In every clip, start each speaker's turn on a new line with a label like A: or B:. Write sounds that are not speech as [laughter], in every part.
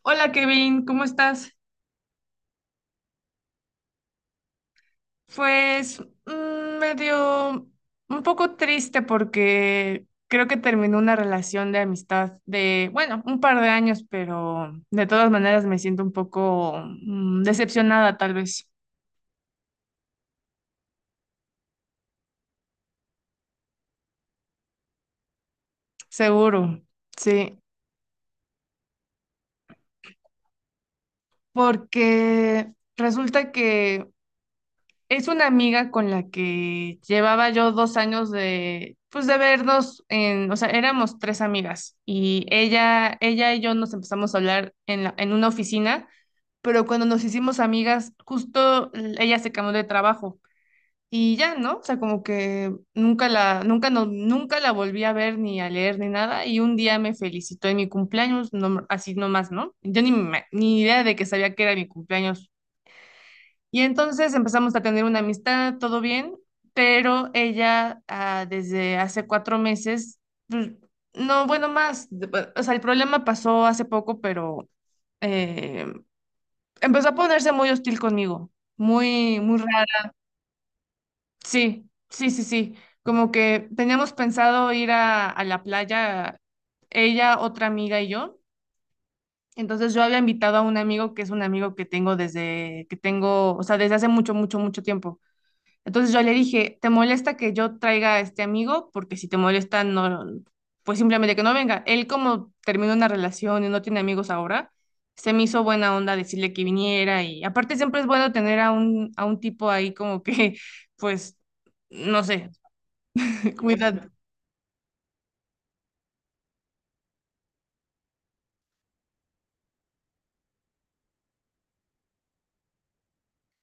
A: Hola Kevin, ¿cómo estás? Pues medio un poco triste porque creo que terminó una relación de amistad de, bueno, un par de años, pero de todas maneras me siento un poco decepcionada tal vez, seguro, sí, porque resulta que es una amiga con la que llevaba yo 2 años de, pues de vernos en, o sea, éramos tres amigas y ella y yo nos empezamos a hablar en una oficina, pero cuando nos hicimos amigas, justo ella se cambió de trabajo y ya, ¿no? O sea, como que nunca la, nunca la volví a ver ni a leer ni nada y un día me felicitó en mi cumpleaños, no, así nomás, ¿no? Yo ni, me- ni idea de que sabía que era mi cumpleaños y entonces empezamos a tener una amistad, todo bien, pero ella desde hace 4 meses, pues, no, bueno, más, pues, o sea, el problema pasó hace poco, pero eh, empezó a ponerse muy hostil conmigo, muy, muy raro. Sí, sí, sí, sí. Como que teníamos pensado ir a la playa, ella, otra amiga y yo. Entonces yo había invitado a un amigo que es un amigo que tengo desde que tengo, o sea, desde hace mucho, mucho, mucho tiempo. Entonces yo le dije, ¿te molesta que yo traiga a este amigo? Porque si te molesta, no, pues simplemente que no venga. Él como terminó una relación y no tiene amigos ahora, se me hizo buena onda decirle que viniera y aparte siempre es bueno tener a un tipo ahí como que, [laughs] pues, no sé, [laughs] cuidado.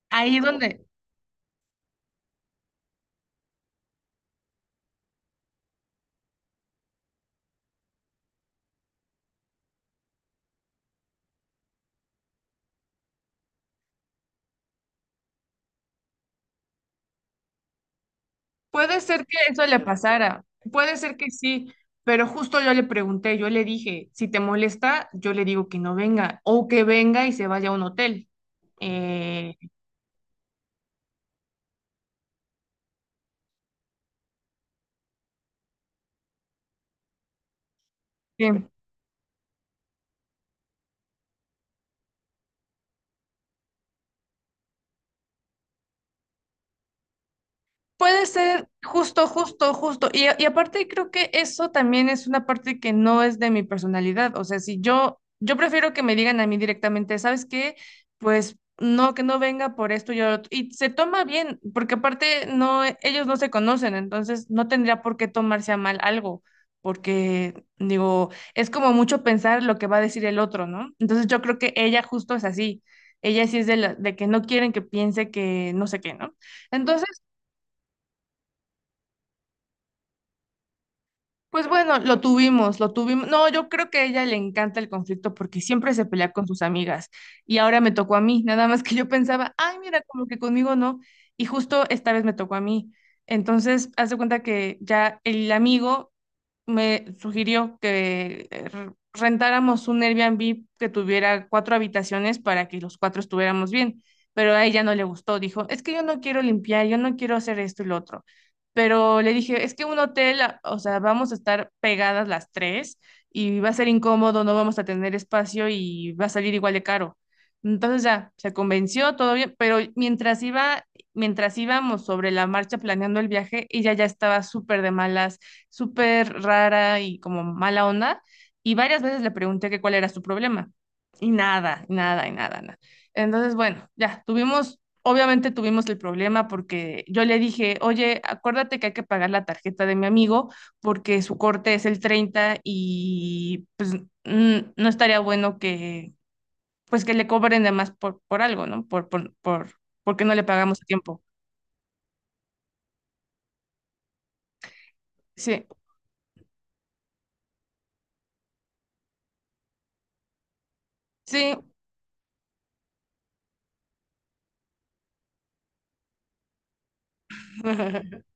A: Ahí donde puede ser que eso le pasara, puede ser que sí. Pero justo yo le pregunté, yo le dije, si te molesta, yo le digo que no venga o que venga y se vaya a un hotel. Eh, Sí, puede ser justo, justo, justo. Y aparte creo que eso también es una parte que no es de mi personalidad. O sea, si yo prefiero que me digan a mí directamente, ¿sabes qué? Pues no, que no venga por esto y, otro". Y se toma bien, porque aparte no, ellos no se conocen, entonces no tendría por qué tomarse a mal algo, porque digo, es como mucho pensar lo que va a decir el otro, ¿no? Entonces yo creo que ella justo es así. Ella sí es de, de que no quieren que piense que no sé qué, ¿no? Entonces... Pues bueno, lo tuvimos, lo tuvimos. No, yo creo que a ella le encanta el conflicto porque siempre se pelea con sus amigas y ahora me tocó a mí, nada más que yo pensaba, ay, mira, como que conmigo no, y justo esta vez me tocó a mí. Entonces, haz de cuenta que ya el amigo me sugirió que rentáramos un Airbnb que tuviera cuatro habitaciones para que los cuatro estuviéramos bien, pero a ella no le gustó, dijo, es que yo no quiero limpiar, yo no quiero hacer esto y lo otro, pero le dije, es que un hotel, a- o sea, vamos a estar pegadas las tres y va a ser incómodo, no vamos a tener espacio y va a salir igual de caro. Entonces ya, se convenció, todo bien, pero mientras íbamos sobre la marcha planeando el viaje, ella ya estaba súper de malas, súper rara y como mala onda, y varias veces le pregunté que cuál era su problema, y nada, nada, y nada, nada. Entonces, bueno, ya, tuvimos Obviamente tuvimos el problema porque yo le dije, oye, acuérdate que hay que pagar la tarjeta de mi amigo porque su corte es el 30 y pues no estaría bueno que pues que le cobren de más por algo, ¿no? Porque no le pagamos a tiempo. Sí, sí. [laughs]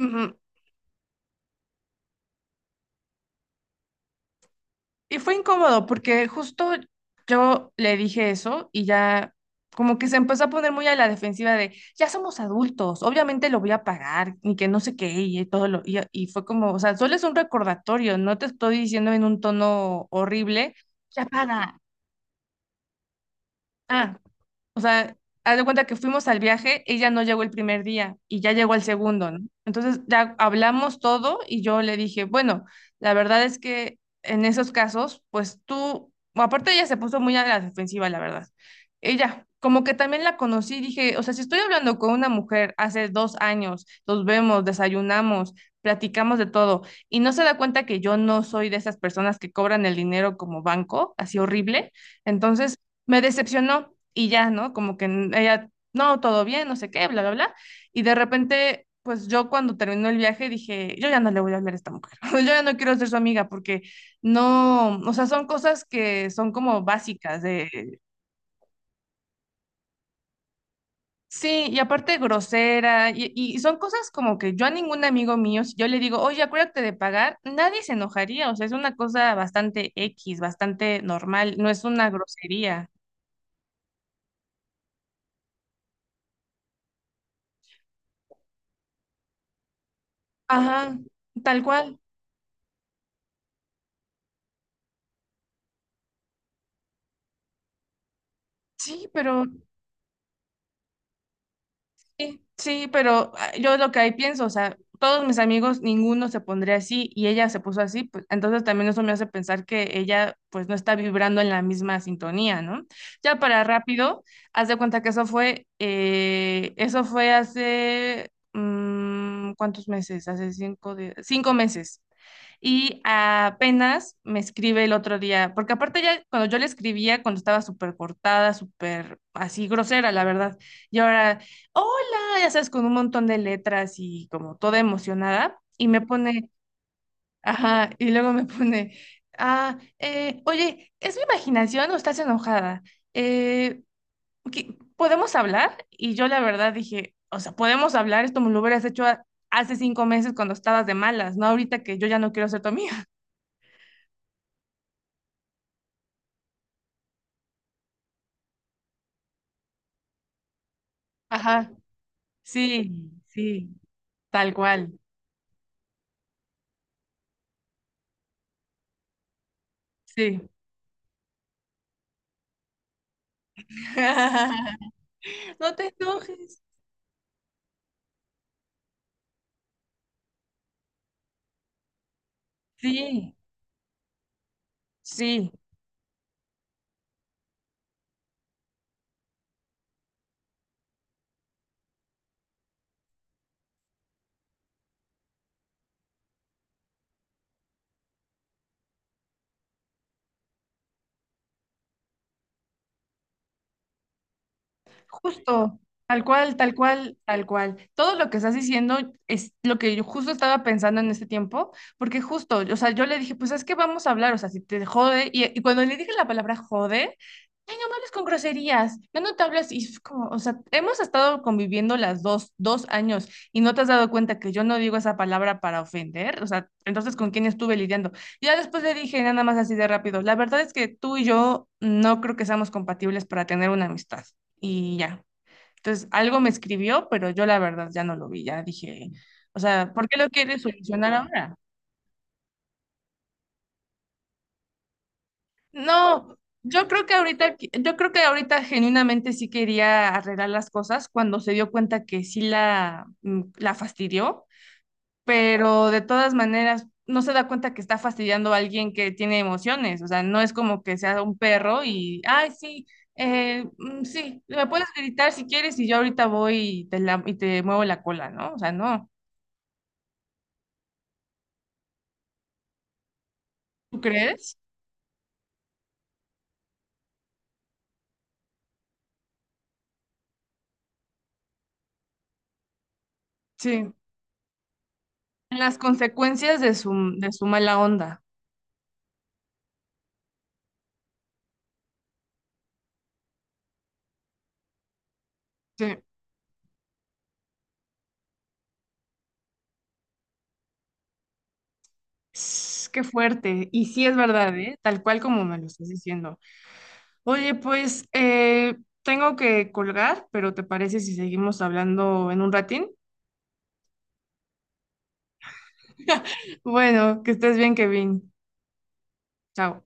A: Ujú. Y fue incómodo porque justo yo le dije eso y ya como que se empezó a poner muy a la defensiva de, ya somos adultos, obviamente lo voy a pagar y que no sé qué y todo lo, y fue como, o sea, solo es un recordatorio, no te estoy diciendo en un tono horrible, ya paga. Ah, o sea, haz de cuenta que fuimos al viaje, ella no llegó el primer día y ya llegó el segundo, ¿no? Entonces ya hablamos todo y yo le dije, bueno, la verdad es que en esos casos, pues tú, bueno, aparte ella se puso muy a la defensiva, la verdad. Ella, como que también la conocí, dije, o sea, si estoy hablando con una mujer hace 2 años, nos vemos, desayunamos, platicamos de todo y no se da cuenta que yo no soy de esas personas que cobran el dinero como banco, así horrible, entonces me decepcionó y ya, ¿no? Como que ella, no, todo bien, no sé qué, bla, bla, bla. Y de repente, pues yo cuando terminó el viaje dije, yo ya no le voy a hablar a esta mujer, [laughs] yo ya no quiero ser su amiga porque no, o sea, son cosas que son como básicas de, sí, y aparte grosera, y son cosas como que yo a ningún amigo mío, si yo le digo, oye, acuérdate de pagar, nadie se enojaría, o sea, es una cosa bastante X, bastante normal, no es una grosería. Ajá, tal cual. Sí, pero sí, sí, pero yo lo que ahí pienso, o sea, todos mis amigos, ninguno se pondría así y ella se puso así, pues entonces también eso me hace pensar que ella pues no está vibrando en la misma sintonía, ¿no? Ya para rápido, haz de cuenta que eso fue hace, ¿cuántos meses? Hace cinco, de, 5 meses. Y apenas me escribe el otro día, porque aparte ya cuando yo le escribía, cuando estaba súper cortada, súper así grosera, la verdad, y ahora... ¡Hola! No, ya sabes, con un montón de letras y como toda emocionada, y me pone, ajá, y luego me pone, oye, ¿es mi imaginación o estás enojada? Eh, ¿Qué- ¿podemos hablar? Y yo la verdad dije, o sea, podemos hablar, esto me lo hubieras hecho hace 5 meses cuando estabas de malas, no ahorita que yo ya no quiero ser tu amiga. [laughs] Ajá, sí, sí, tal cual, sí. [laughs] No te enojes. Sí, sí. Justo, tal cual, tal cual, tal cual. Todo lo que estás diciendo es lo que yo justo estaba pensando en este tiempo, porque justo, o sea, yo le dije, pues es que vamos a hablar, o sea, si te jode, y cuando le dije la palabra jode, ay, no me hables con groserías, ya no te hablas, y es como, o sea, hemos estado conviviendo las dos, 2 años, y no te has dado cuenta que yo no digo esa palabra para ofender, o sea, entonces, ¿con quién estuve lidiando? Ya después le dije nada más así de rápido, la verdad es que tú y yo no creo que seamos compatibles para tener una amistad y ya. Entonces, algo me escribió, pero yo la verdad ya no lo vi, ya dije, o sea, ¿por qué lo quieres solucionar ahora? No, yo creo que ahorita, yo creo que ahorita genuinamente sí quería arreglar las cosas cuando se dio cuenta que sí la fastidió, pero de todas maneras no se da cuenta que está fastidiando a alguien que tiene emociones, o sea, no es como que sea un perro y, ay, sí. Sí, me puedes gritar si quieres y yo ahorita voy y te muevo la cola, ¿no? O sea, no. ¿Tú crees? Sí, las consecuencias de su mala onda. Sí. Sss, qué fuerte. Y sí es verdad, ¿eh? Tal cual como me lo estás diciendo. Oye, pues tengo que colgar, pero ¿te parece si seguimos hablando en un ratín? [laughs] Bueno, que estés bien, Kevin. Chao.